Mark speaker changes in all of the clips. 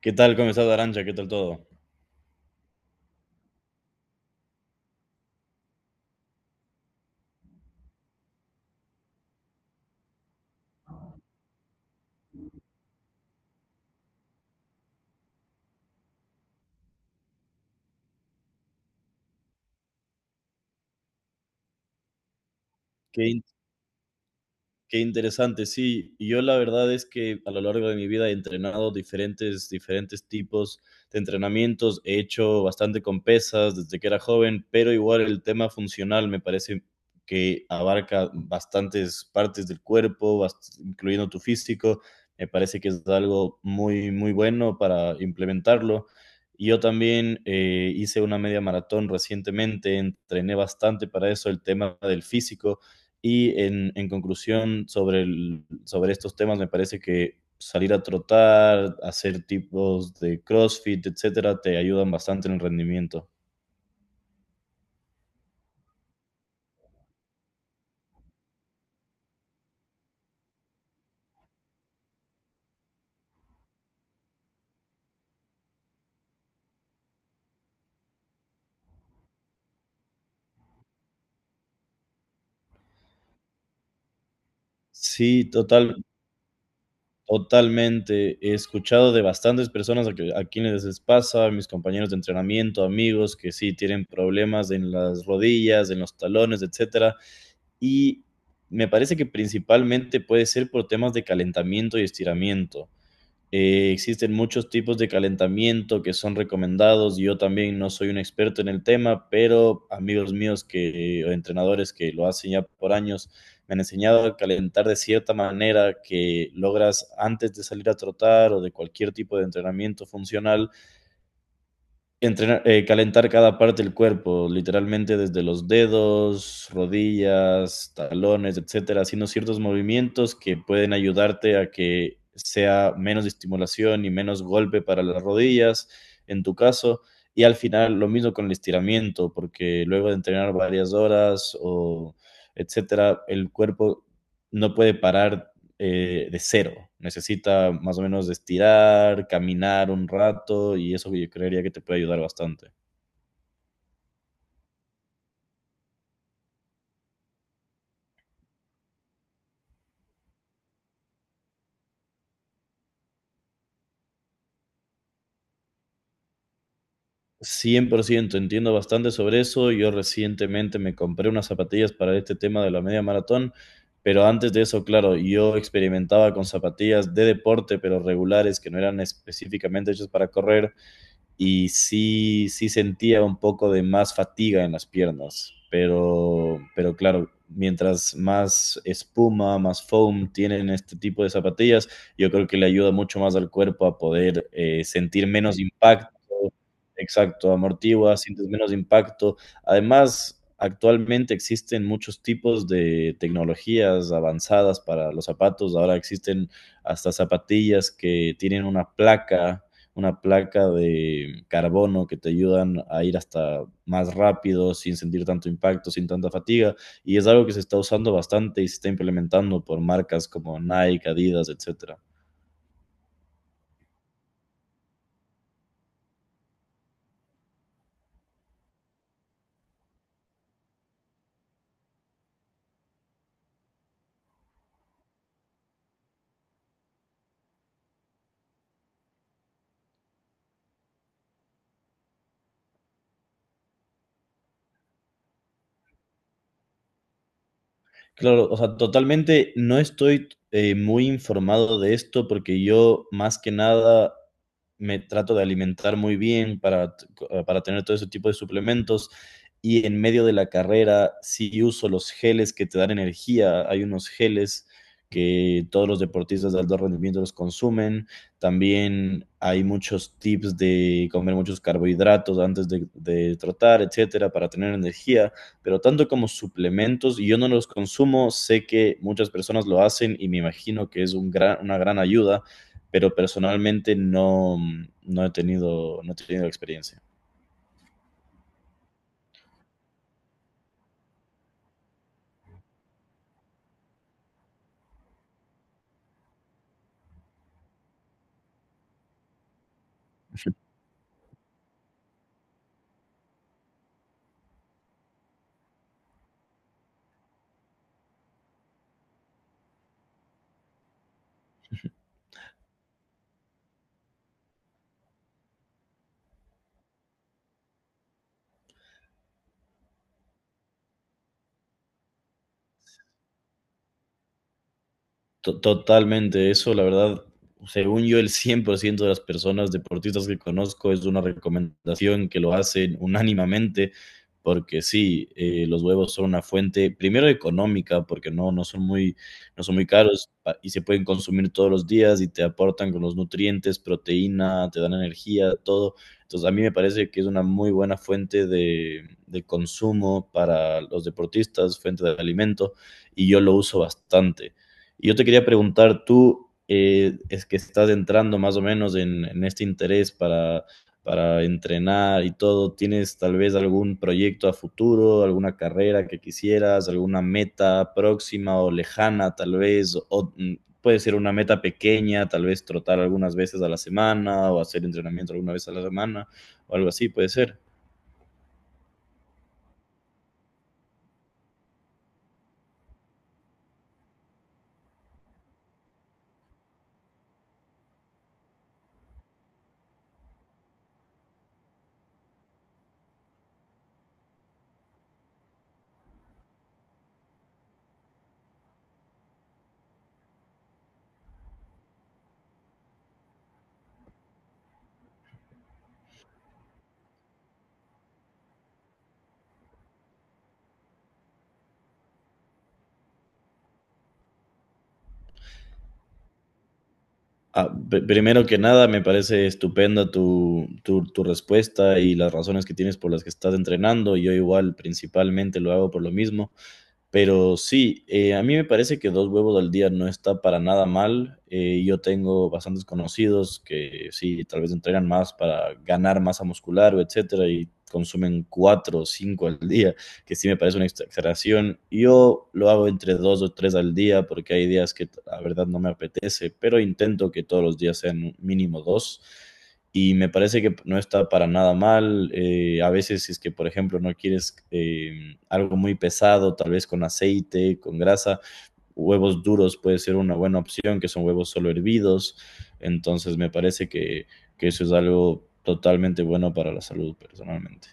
Speaker 1: ¿Qué tal, comenzado Arancha? ¿Qué tal todo? Qué Qué interesante, sí. Y yo la verdad es que a lo largo de mi vida he entrenado diferentes tipos de entrenamientos. He hecho bastante con pesas desde que era joven, pero igual el tema funcional me parece que abarca bastantes partes del cuerpo, incluyendo tu físico. Me parece que es algo muy bueno para implementarlo. Y yo también hice una media maratón recientemente, entrené bastante para eso, el tema del físico y en conclusión, sobre estos temas, me parece que salir a trotar, hacer tipos de CrossFit, etcétera, te ayudan bastante en el rendimiento. Sí, total, totalmente. He escuchado de bastantes personas a quienes les pasa, mis compañeros de entrenamiento, amigos, que sí tienen problemas en las rodillas, en los talones, etcétera. Y me parece que principalmente puede ser por temas de calentamiento y estiramiento. Existen muchos tipos de calentamiento que son recomendados. Yo también no soy un experto en el tema, pero amigos míos que, o entrenadores que lo hacen ya por años me han enseñado a calentar de cierta manera que logras antes de salir a trotar o de cualquier tipo de entrenamiento funcional. Entrenar, calentar cada parte del cuerpo, literalmente desde los dedos, rodillas, talones, etcétera, haciendo ciertos movimientos que pueden ayudarte a que sea menos estimulación y menos golpe para las rodillas, en tu caso. Y al final lo mismo con el estiramiento, porque luego de entrenar varias horas o etcétera, el cuerpo no puede parar de cero. Necesita más o menos estirar, caminar un rato y eso yo creería que te puede ayudar bastante. 100% entiendo bastante sobre eso. Yo recientemente me compré unas zapatillas para este tema de la media maratón, pero antes de eso, claro, yo experimentaba con zapatillas de deporte, pero regulares, que no eran específicamente hechas para correr, y sí, sí sentía un poco de más fatiga en las piernas, pero claro, mientras más espuma, más foam tienen este tipo de zapatillas, yo creo que le ayuda mucho más al cuerpo a poder sentir menos impacto. Exacto, amortigua, sientes menos impacto. Además, actualmente existen muchos tipos de tecnologías avanzadas para los zapatos. Ahora existen hasta zapatillas que tienen una placa de carbono que te ayudan a ir hasta más rápido, sin sentir tanto impacto, sin tanta fatiga. Y es algo que se está usando bastante y se está implementando por marcas como Nike, Adidas, etcétera. Claro, o sea, totalmente no estoy muy informado de esto porque yo más que nada me trato de alimentar muy bien para, para tener todo ese tipo de suplementos y en medio de la carrera sí uso los geles que te dan energía. Hay unos geles que todos los deportistas de alto rendimiento los consumen. También hay muchos tips de comer muchos carbohidratos antes de trotar, etcétera, para tener energía, pero tanto como suplementos, y yo no los consumo, sé que muchas personas lo hacen y me imagino que es un una gran ayuda, pero personalmente no, no he tenido experiencia. Totalmente, eso la verdad, según yo, el 100% de las personas deportistas que conozco es una recomendación que lo hacen unánimemente, porque sí, los huevos son una fuente, primero económica, porque no son muy, no son muy caros y se pueden consumir todos los días y te aportan con los nutrientes, proteína, te dan energía, todo. Entonces, a mí me parece que es una muy buena fuente de consumo para los deportistas, fuente de alimento, y yo lo uso bastante. Y yo te quería preguntar, tú es que estás entrando más o menos en este interés para entrenar y todo, ¿tienes tal vez algún proyecto a futuro, alguna carrera que quisieras, alguna meta próxima o lejana tal vez? O puede ser una meta pequeña, tal vez trotar algunas veces a la semana o hacer entrenamiento alguna vez a la semana o algo así, puede ser. Ah, primero que nada, me parece estupenda tu, tu respuesta y las razones que tienes por las que estás entrenando. Yo igual principalmente lo hago por lo mismo. Pero sí, a mí me parece que dos huevos al día no está para nada mal. Yo tengo bastantes conocidos que sí, tal vez entrenan más para ganar masa muscular o etcétera y consumen cuatro o cinco al día, que sí me parece una exageración. Yo lo hago entre dos o tres al día porque hay días que la verdad no me apetece, pero intento que todos los días sean mínimo dos y me parece que no está para nada mal. A veces si es que, por ejemplo, no quieres algo muy pesado, tal vez con aceite, con grasa, huevos duros puede ser una buena opción, que son huevos solo hervidos. Entonces me parece que eso es algo totalmente bueno para la salud personalmente.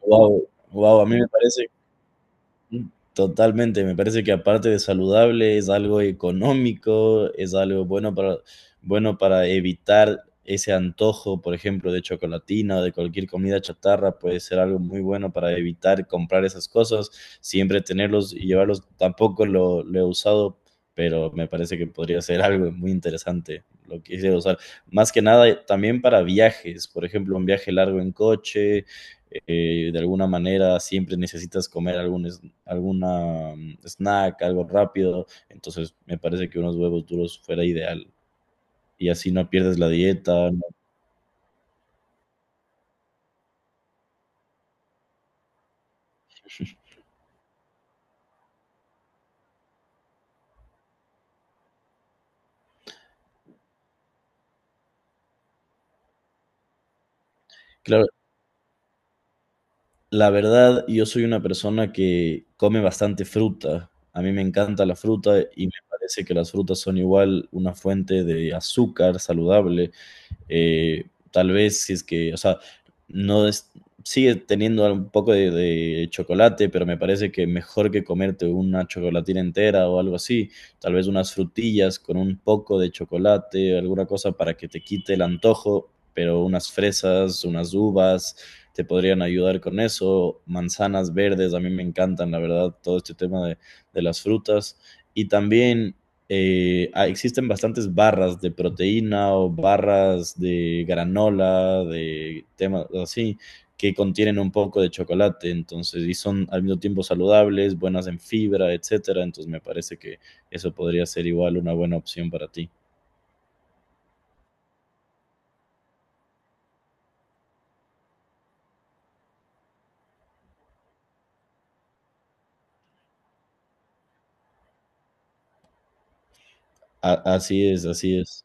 Speaker 1: Wow, wow, a mí me parece. Mm. Totalmente, me parece que aparte de saludable es algo económico, es algo bueno para, bueno para evitar ese antojo, por ejemplo, de chocolatina o de cualquier comida chatarra, puede ser algo muy bueno para evitar comprar esas cosas, siempre tenerlos y llevarlos, tampoco lo he usado, pero me parece que podría ser algo muy interesante lo que quisiera usar. Más que nada también para viajes, por ejemplo, un viaje largo en coche, de alguna manera siempre necesitas comer algún, alguna snack, algo rápido. Entonces, me parece que unos huevos duros fuera ideal. Y así no pierdes la dieta, ¿no? Claro, la verdad, yo soy una persona que come bastante fruta. A mí me encanta la fruta y me parece que las frutas son igual una fuente de azúcar saludable. Eh, Tal vez si es que, o sea, no es, sigue teniendo un poco chocolate, pero me parece que mejor que comerte una chocolatina entera o algo así, tal vez unas frutillas con un poco de chocolate, alguna cosa para que te quite el antojo, pero unas fresas, unas uvas, te podrían ayudar con eso, manzanas verdes, a mí me encantan, la verdad, todo este tema de las frutas. Y también existen bastantes barras de proteína o barras de granola, de temas así, que contienen un poco de chocolate, entonces, y son al mismo tiempo saludables, buenas en fibra, etcétera, entonces me parece que eso podría ser igual una buena opción para ti. A- así es, así es.